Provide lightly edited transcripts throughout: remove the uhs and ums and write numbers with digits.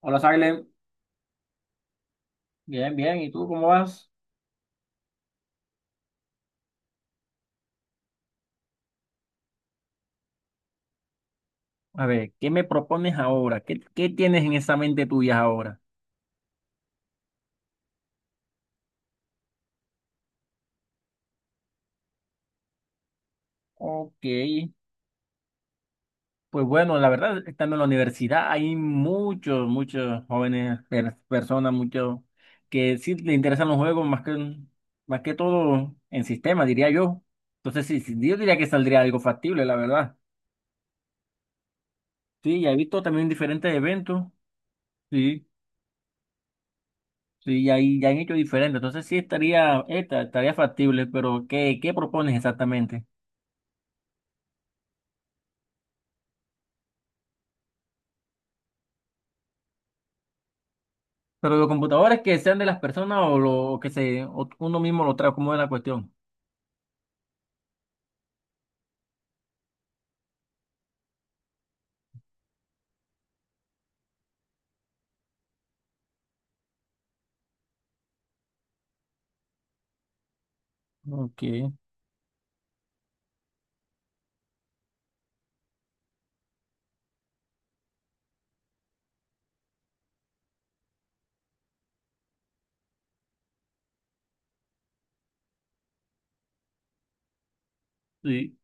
Hola, Silent. Bien, bien. ¿Y tú cómo vas? A ver, ¿qué me propones ahora? ¿Qué tienes en esa mente tuya ahora? Ok. Pues bueno, la verdad, estando en la universidad hay muchos, muchos jóvenes, personas, muchos que sí les interesan los juegos más que todo en sistema, diría yo. Entonces, sí, sí, yo diría que saldría algo factible, la verdad. Sí, ya he visto también diferentes eventos. Sí. Sí, ya, ahí ya han hecho diferente. Entonces sí estaría, estaría factible, pero ¿qué propones exactamente? Pero los computadores que sean de las personas o lo que se o uno mismo lo trae, ¿cómo es la cuestión? Ok, sí,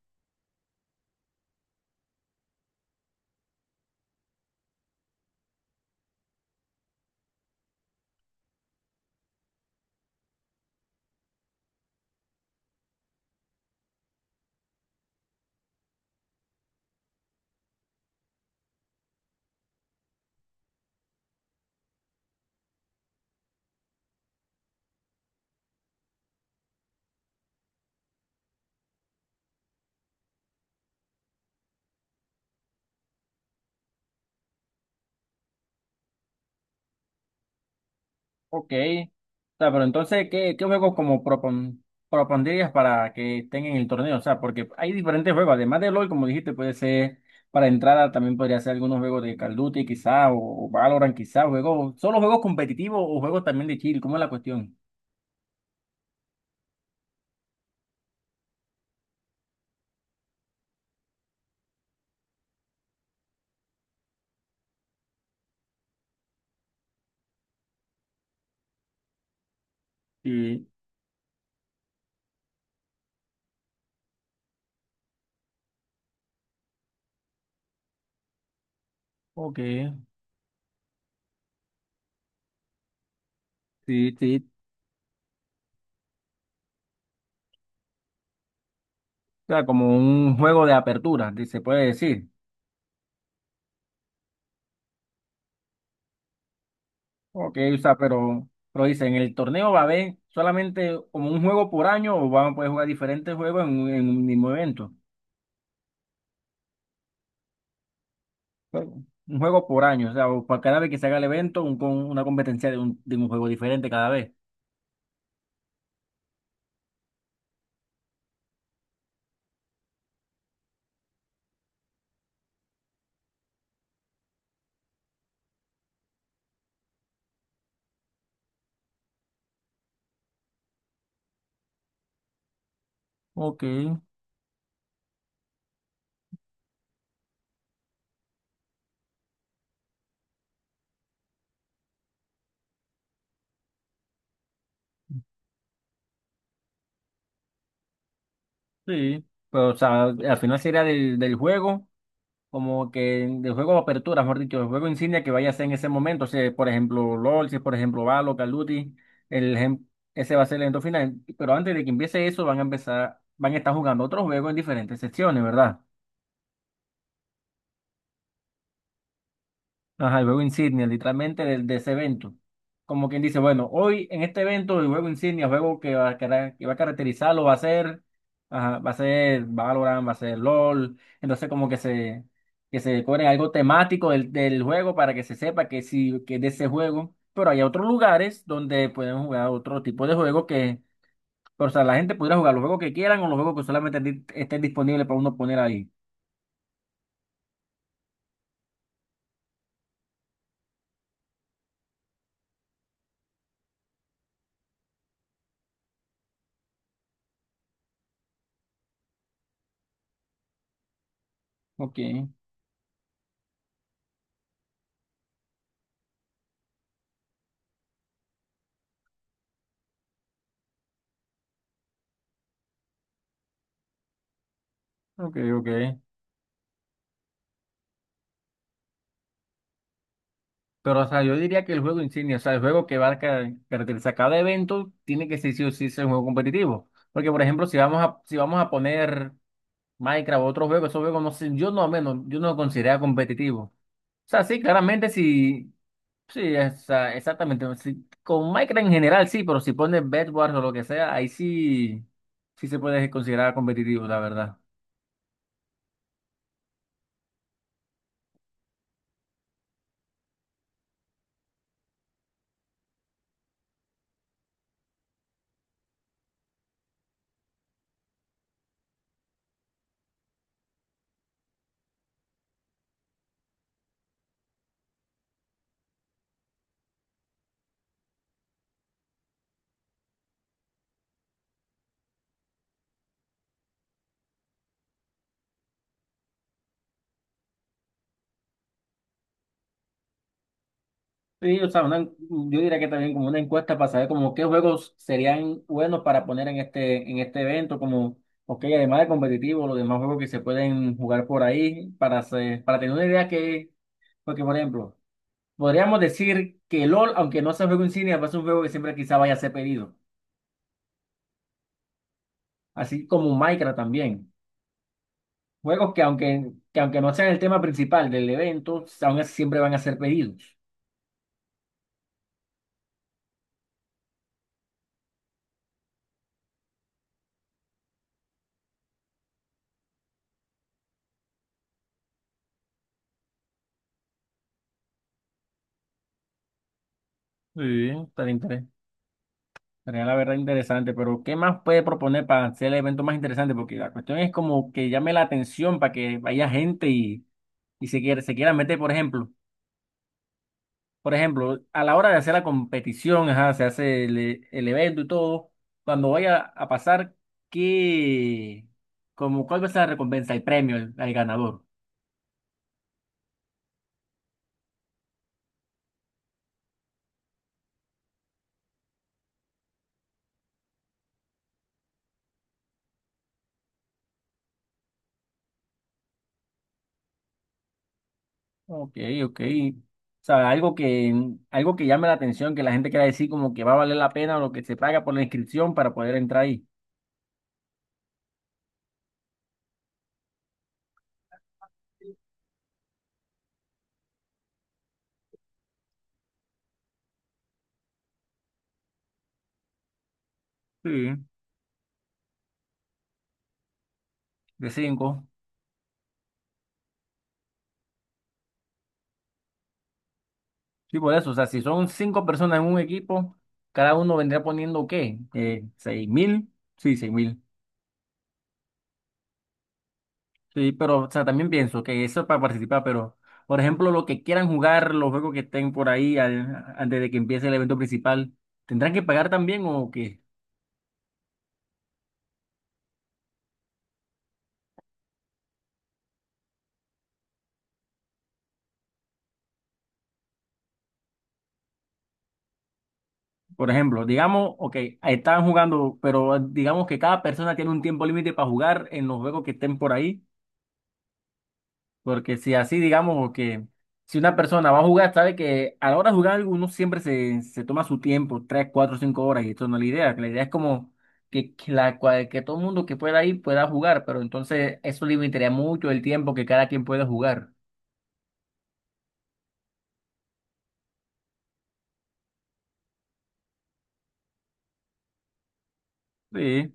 ok. O sea, pero entonces, ¿qué juegos como propondrías para que estén en el torneo? O sea, porque hay diferentes juegos, además de LOL, como dijiste, puede ser para entrada, también podría ser algunos juegos de Call of Duty quizá, o Valorant quizá, juegos, solo juegos competitivos o juegos también de chill, ¿cómo es la cuestión? Sí. Ok, sí, sí, o sea, como un juego de apertura, se puede decir. Ok, o sea, pero dice, ¿en el torneo va a haber solamente como un juego por año o van a poder jugar diferentes juegos en un mismo evento? Un juego por año, o sea, o para cada vez que se haga el evento, con una competencia de un juego diferente cada vez. Ok, sí, pero o sea, al final sería del juego. Como que el juego de apertura, mejor dicho, el juego insignia que vaya a ser en ese momento, si por ejemplo LOL, si por ejemplo Valo, Call of Duty, el, ejem- ese va a ser el evento final, pero antes de que empiece eso van a empezar, van a estar jugando otros juegos en diferentes secciones, ¿verdad? Ajá, el juego insignia, literalmente ese evento. Como quien dice, bueno, hoy en este evento el juego insignia, el juego que que va a caracterizarlo va a ser, ajá, va a ser Valorant, va a ser LOL. Entonces como que que se cobre algo temático del juego para que se sepa que sí, que es de ese juego. Pero hay otros lugares donde pueden jugar otro tipo de juego que, o sea, la gente pudiera jugar los juegos que quieran o los juegos que solamente estén disponibles para uno poner ahí. Ok, ok, ok. Pero, o sea, yo diría que el juego insignia, o sea, el juego que va a caracterizar cada evento, tiene que ser sí o sí ser un juego competitivo. Porque, por ejemplo, si vamos a poner Minecraft o otro juego, esos juegos no sé, yo no al menos, yo no lo considero competitivo. O sea, sí, claramente sí, sí, exactamente. Sí, con Minecraft en general sí, pero si pones Bed Wars o lo que sea, ahí sí, sí se puede considerar competitivo, la verdad. Sí, o sea, yo diría que también como una encuesta para saber como qué juegos serían buenos para poner en este evento, como, ok, además de competitivo, los demás juegos que se pueden jugar por ahí, para para tener una idea que, porque por ejemplo, podríamos decir que LOL, aunque no sea juego insignia, va a ser un juego que siempre quizá vaya a ser pedido, así como Minecraft también, juegos que aunque no sean el tema principal del evento, aún así siempre van a ser pedidos. Sí, tan interesante. Sería la verdad interesante, pero ¿qué más puede proponer para hacer el evento más interesante? Porque la cuestión es como que llame la atención para que vaya gente y, se quiera meter, por ejemplo. Por ejemplo, a la hora de hacer la competición, ajá, se hace el evento y todo, cuando vaya a pasar, ¿qué, cuál va a ser la recompensa, el premio al ganador? Ok, ok. O sea, algo que llame la atención, que la gente quiera decir como que va a valer la pena o lo que se paga por la inscripción para poder entrar ahí. Sí. De cinco. Sí, por eso. O sea, si son cinco personas en un equipo, cada uno vendría poniendo ¿qué? 6.000. Sí, 6.000. Sí, pero, o sea, también pienso que eso es para participar, pero, por ejemplo, lo que quieran jugar, los juegos que estén por ahí antes de que empiece el evento principal, ¿tendrán que pagar también o qué? Por ejemplo, digamos, ok, estaban jugando, pero digamos que cada persona tiene un tiempo límite para jugar en los juegos que estén por ahí. Porque si así, digamos, o que si una persona va a jugar, sabe que a la hora de jugar uno siempre se toma su tiempo, 3, 4, 5 horas, y esto no es la idea. La idea es como que, que todo el mundo que pueda ir pueda jugar, pero entonces eso limitaría mucho el tiempo que cada quien pueda jugar. Sí.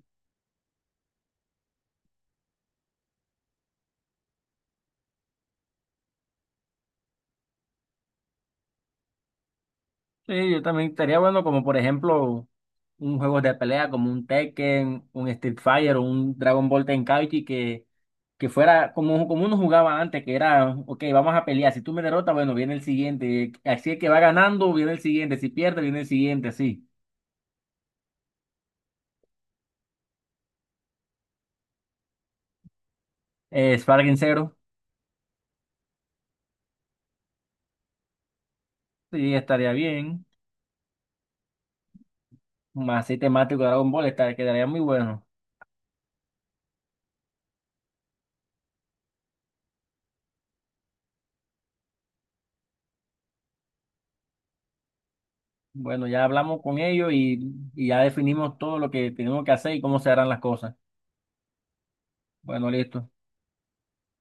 Sí, yo también estaría bueno como por ejemplo un juego de pelea como un Tekken, un Street Fighter o un Dragon Ball Tenkaichi que, como uno jugaba antes, que era, ok, vamos a pelear, si tú me derrotas, bueno, viene el siguiente, así es que va ganando, viene el siguiente, si pierde, viene el siguiente, así. Sparring Zero, sí, estaría bien, más así temático de Dragon Ball, quedaría muy bueno. Bueno, ya hablamos con ellos y ya definimos todo lo que tenemos que hacer y cómo se harán las cosas. Bueno, listo.